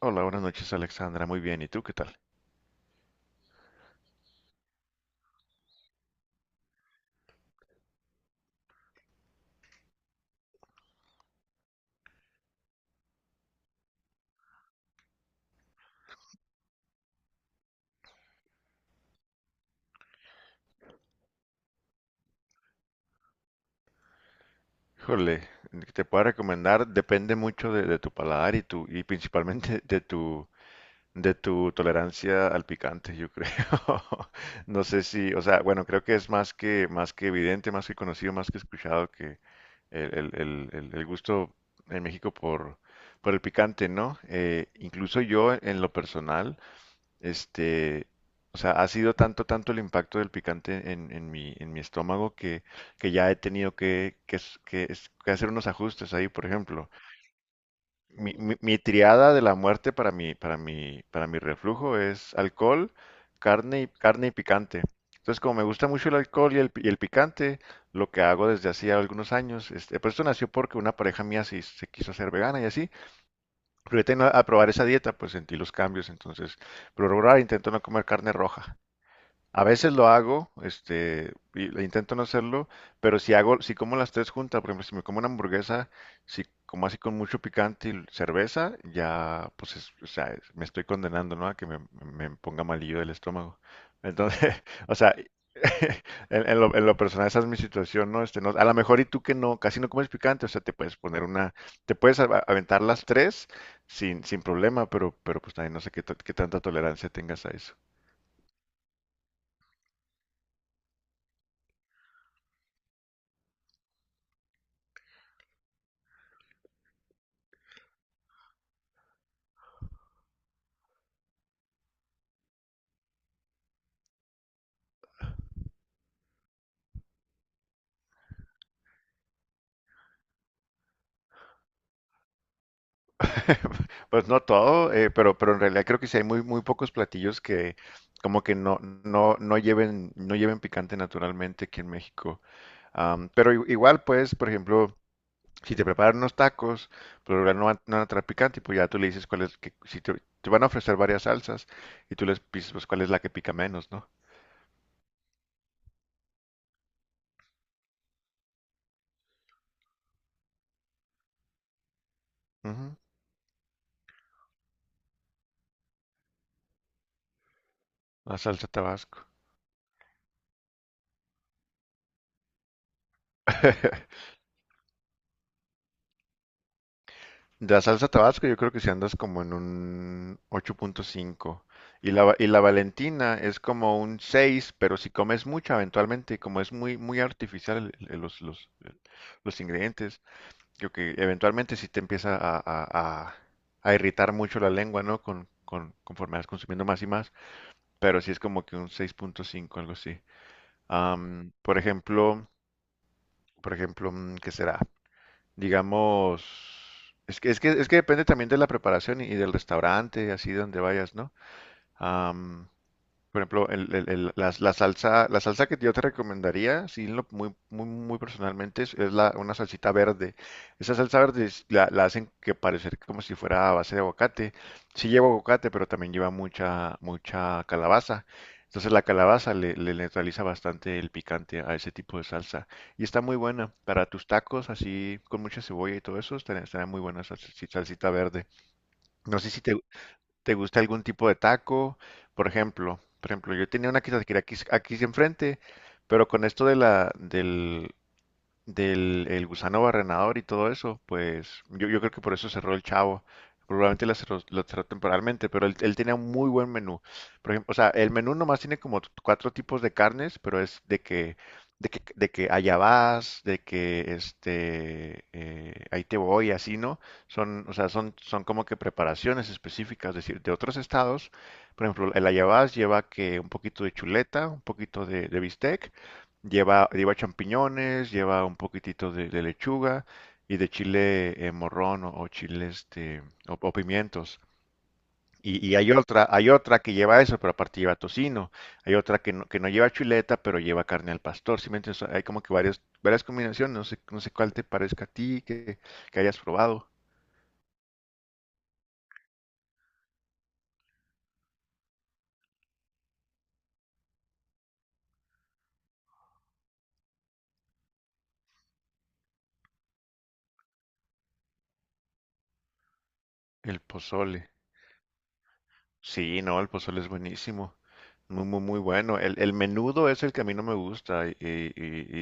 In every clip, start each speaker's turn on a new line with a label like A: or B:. A: Hola, buenas noches Alexandra, muy bien, ¿y tú qué tal? Híjole, te puedo recomendar, depende mucho de tu paladar y tu, y principalmente de tu tolerancia al picante, yo creo. No sé si, o sea, bueno, creo que es más que evidente, más que conocido, más que escuchado que el gusto en México por el picante, ¿no? Incluso yo en lo personal. Este, o sea, ha sido tanto el impacto del picante en en mi estómago que ya he tenido que hacer unos ajustes ahí, por ejemplo. Mi triada de la muerte para mi reflujo es alcohol, carne y picante. Entonces, como me gusta mucho el alcohol y el picante, lo que hago desde hacía algunos años, pues esto nació porque una pareja mía se quiso hacer vegana y así, pero yo tenía a probar esa dieta, pues sentí los cambios, entonces, pero ahora intento no comer carne roja. A veces lo hago, y le intento no hacerlo, pero si hago, si como las tres juntas, por ejemplo, si me como una hamburguesa, si como así con mucho picante y cerveza, ya, pues, o sea, me estoy condenando, ¿no? A que me ponga malillo el estómago. Entonces, o sea, en lo personal esa es mi situación, ¿no? No, a lo mejor y tú que no, casi no comes picante, o sea, te puedes poner una, te puedes aventar las tres sin problema, pero pues también no sé qué tanta tolerancia tengas a eso. Pues no todo, pero en realidad creo que sí hay muy pocos platillos que como que no lleven, no lleven picante naturalmente aquí en México. Am, pero igual, pues, por ejemplo, si te preparan unos tacos, por lo general no van a traer picante, y pues ya tú le dices cuál es, que, si te, te van a ofrecer varias salsas y tú les dices pues cuál es la que pica menos, ¿no? Ujú, la salsa Tabasco. La salsa Tabasco yo creo que si andas como en un 8.5 y y la Valentina es como un 6 pero si comes mucha eventualmente, como es muy muy artificial los ingredientes, creo que eventualmente sí te empieza a irritar mucho la lengua, ¿no? Conforme vas consumiendo más y más, pero sí es como que un 6.5, algo así. Am, por ejemplo, mm, ¿qué será? Digamos, es que depende también de la preparación y del restaurante, así donde vayas, ¿no? Am, por ejemplo, la salsa que yo te recomendaría, sí, muy personalmente, es una salsita verde. Esa salsa verde la hacen que parecer como si fuera a base de aguacate. Sí lleva aguacate, pero también lleva mucha calabaza. Entonces la calabaza le neutraliza bastante el picante a ese tipo de salsa. Y está muy buena para tus tacos, así con mucha cebolla y todo eso, estaría estará muy buena esa salsita verde. No sé si te, ¿te gusta algún tipo de taco? Por ejemplo, yo tenía una quesadilla aquí, aquí enfrente, pero con esto de del, el gusano barrenador y todo eso, pues yo creo que por eso cerró el Chavo. Probablemente la cerró, lo cerró temporalmente, pero él tenía un muy buen menú. Por ejemplo, o sea, el menú nomás tiene como cuatro tipos de carnes, pero es de que allá vas, de que este, ahí te voy, así, ¿no? Son, o sea, son como que preparaciones específicas, es decir, de otros estados. Por ejemplo, el allá vas lleva que un poquito de chuleta, un poquito de bistec. Lleva champiñones, lleva un poquitito de lechuga y de chile morrón o chile este, o pimientos. Y hay hay otra que lleva eso, pero aparte lleva tocino. Hay otra que no lleva chuleta, pero lleva carne al pastor. ¿Sí me entiendes? O sea, hay como que varias combinaciones. No sé cuál te parezca a ti que hayas probado. El pozole. Sí, no, el pozole es buenísimo. Muy bueno. El menudo es el que a mí no me gusta. Y, y-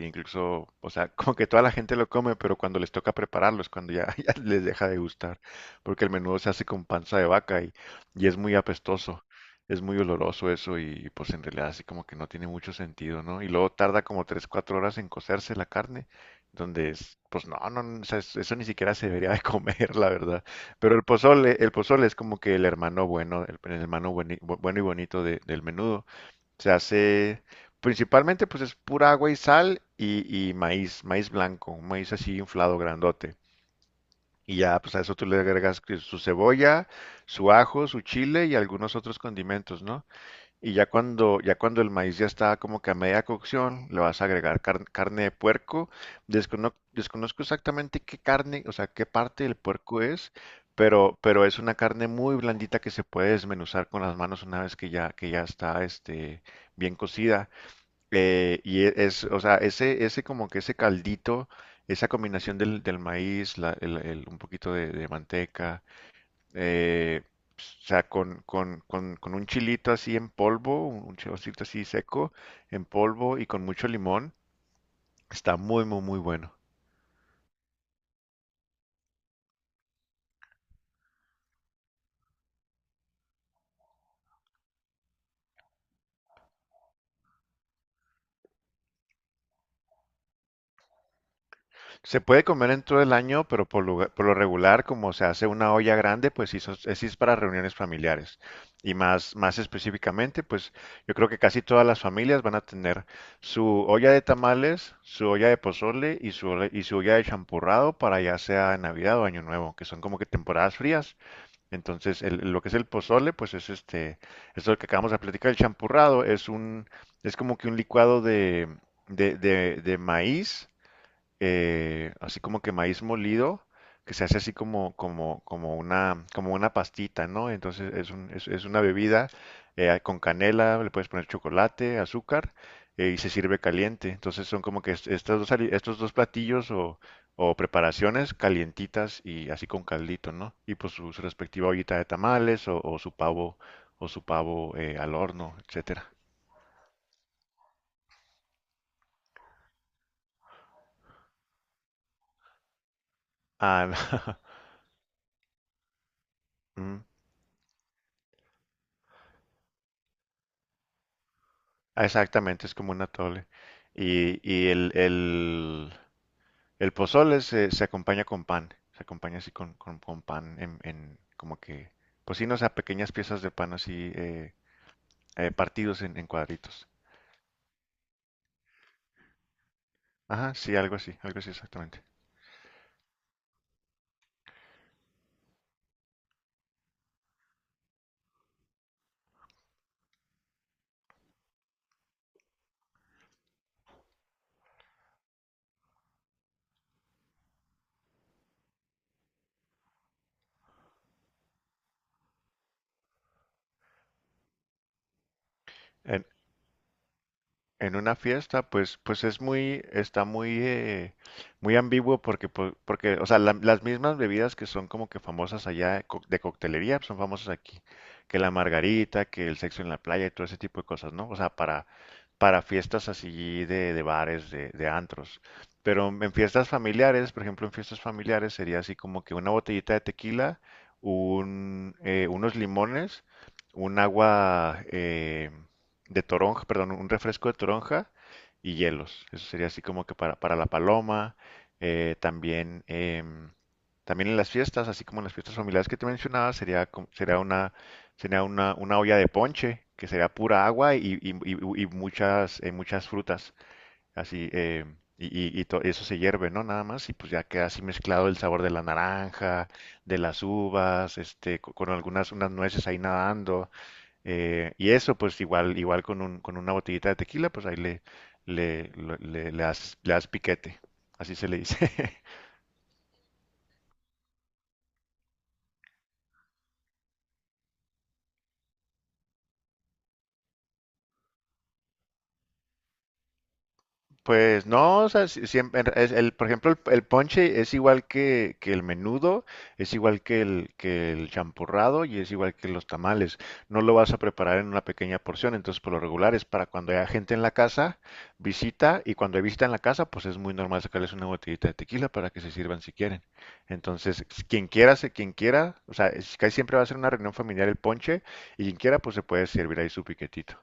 A: y- Incluso, o sea, como que toda la gente lo come, pero cuando les toca prepararlo es cuando ya, ya les deja de gustar. Porque el menudo se hace con panza de vaca y es muy apestoso. Es muy oloroso eso y pues en realidad así como que no tiene mucho sentido, ¿no? Y luego tarda como 3 4 horas en cocerse la carne, donde es, pues no, o sea, eso ni siquiera se debería de comer, la verdad. Pero el pozole es como que el hermano bueno, el hermano bueno y bonito del menudo. Se hace principalmente pues es pura agua y sal y maíz, maíz blanco, un maíz así inflado grandote. Y ya pues a eso tú le agregas que su cebolla, su ajo, su chile y algunos otros condimentos, ¿no? Y ya cuando el maíz ya está como que a media cocción, le vas a agregar carne de puerco. Desconozco exactamente qué carne, o sea, qué parte del puerco es, pero es una carne muy blandita que se puede desmenuzar con las manos una vez que que ya está este, bien cocida. Y es, o sea, ese como que ese caldito, esa combinación del maíz, un poquito de manteca eh, pues, o sea, con un chilito así en polvo, un chilocito así seco, en polvo y con mucho limón, está muy bueno. Se puede comer en todo el año, pero por lo regular, como se hace una olla grande, pues sí, sí es para reuniones familiares. Y más específicamente, pues yo creo que casi todas las familias van a tener su olla de tamales, su olla de pozole y y su olla de champurrado para ya sea Navidad o Año Nuevo, que son como que temporadas frías. Entonces, lo que es el pozole, pues es este, es lo que acabamos de platicar, el champurrado es un, es como que un licuado de maíz así como que maíz molido, que se hace así como, como, como una pastita, ¿no? Entonces es una bebida con canela, le puedes poner chocolate, azúcar, y se sirve caliente. Entonces son como que estas dos, estos dos platillos o preparaciones calientitas y así con caldito, ¿no? Y pues su respectiva ollita de tamales o su pavo al horno, etcétera. Ah, ah, exactamente, es como un atole. Y, y el, el, el pozole se acompaña con pan, se acompaña así con pan en como que, pues sí, no, o sea, pequeñas piezas de pan así partidos en cuadritos. Ajá, sí, algo así exactamente. En una fiesta, pues, pues es muy, está muy, muy ambiguo porque, porque, o sea, las mismas bebidas que son como que famosas allá de coctelería pues, son famosas aquí, que la margarita, que el sexo en la playa y todo ese tipo de cosas, ¿no? O sea, para fiestas así de bares, de antros. Pero en fiestas familiares, por ejemplo, en fiestas familiares sería así como que una botellita de tequila, un, unos limones, un agua, de toronja, perdón, un refresco de toronja y hielos. Eso sería así como que para la paloma. Eh, también, em, también en las fiestas, así como en las fiestas familiares que te mencionaba, sería sería una olla de ponche, que sería pura agua y muchas, muchas frutas. Así, y eso se hierve, ¿no? Nada más, y pues ya queda así mezclado el sabor de la naranja, de las uvas, este, con algunas unas nueces ahí nadando. Y eso, pues igual, igual con una botellita de tequila, pues ahí le das piquete, así se le dice. Pues no, o sea, siempre es el, por ejemplo, el ponche es igual que el menudo, es igual que que el champurrado y es igual que los tamales. No lo vas a preparar en una pequeña porción, entonces por lo regular es para cuando haya gente en la casa, visita, y cuando hay visita en la casa, pues es muy normal sacarles una botellita de tequila para que se sirvan si quieren. Entonces, quien quiera, o sea, casi siempre va a ser una reunión familiar el ponche, y quien quiera, pues se puede servir ahí su piquetito.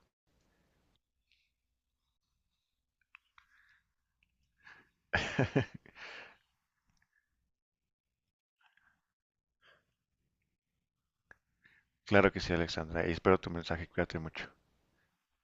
A: Claro que sí, Alexandra, y espero tu mensaje, cuídate mucho.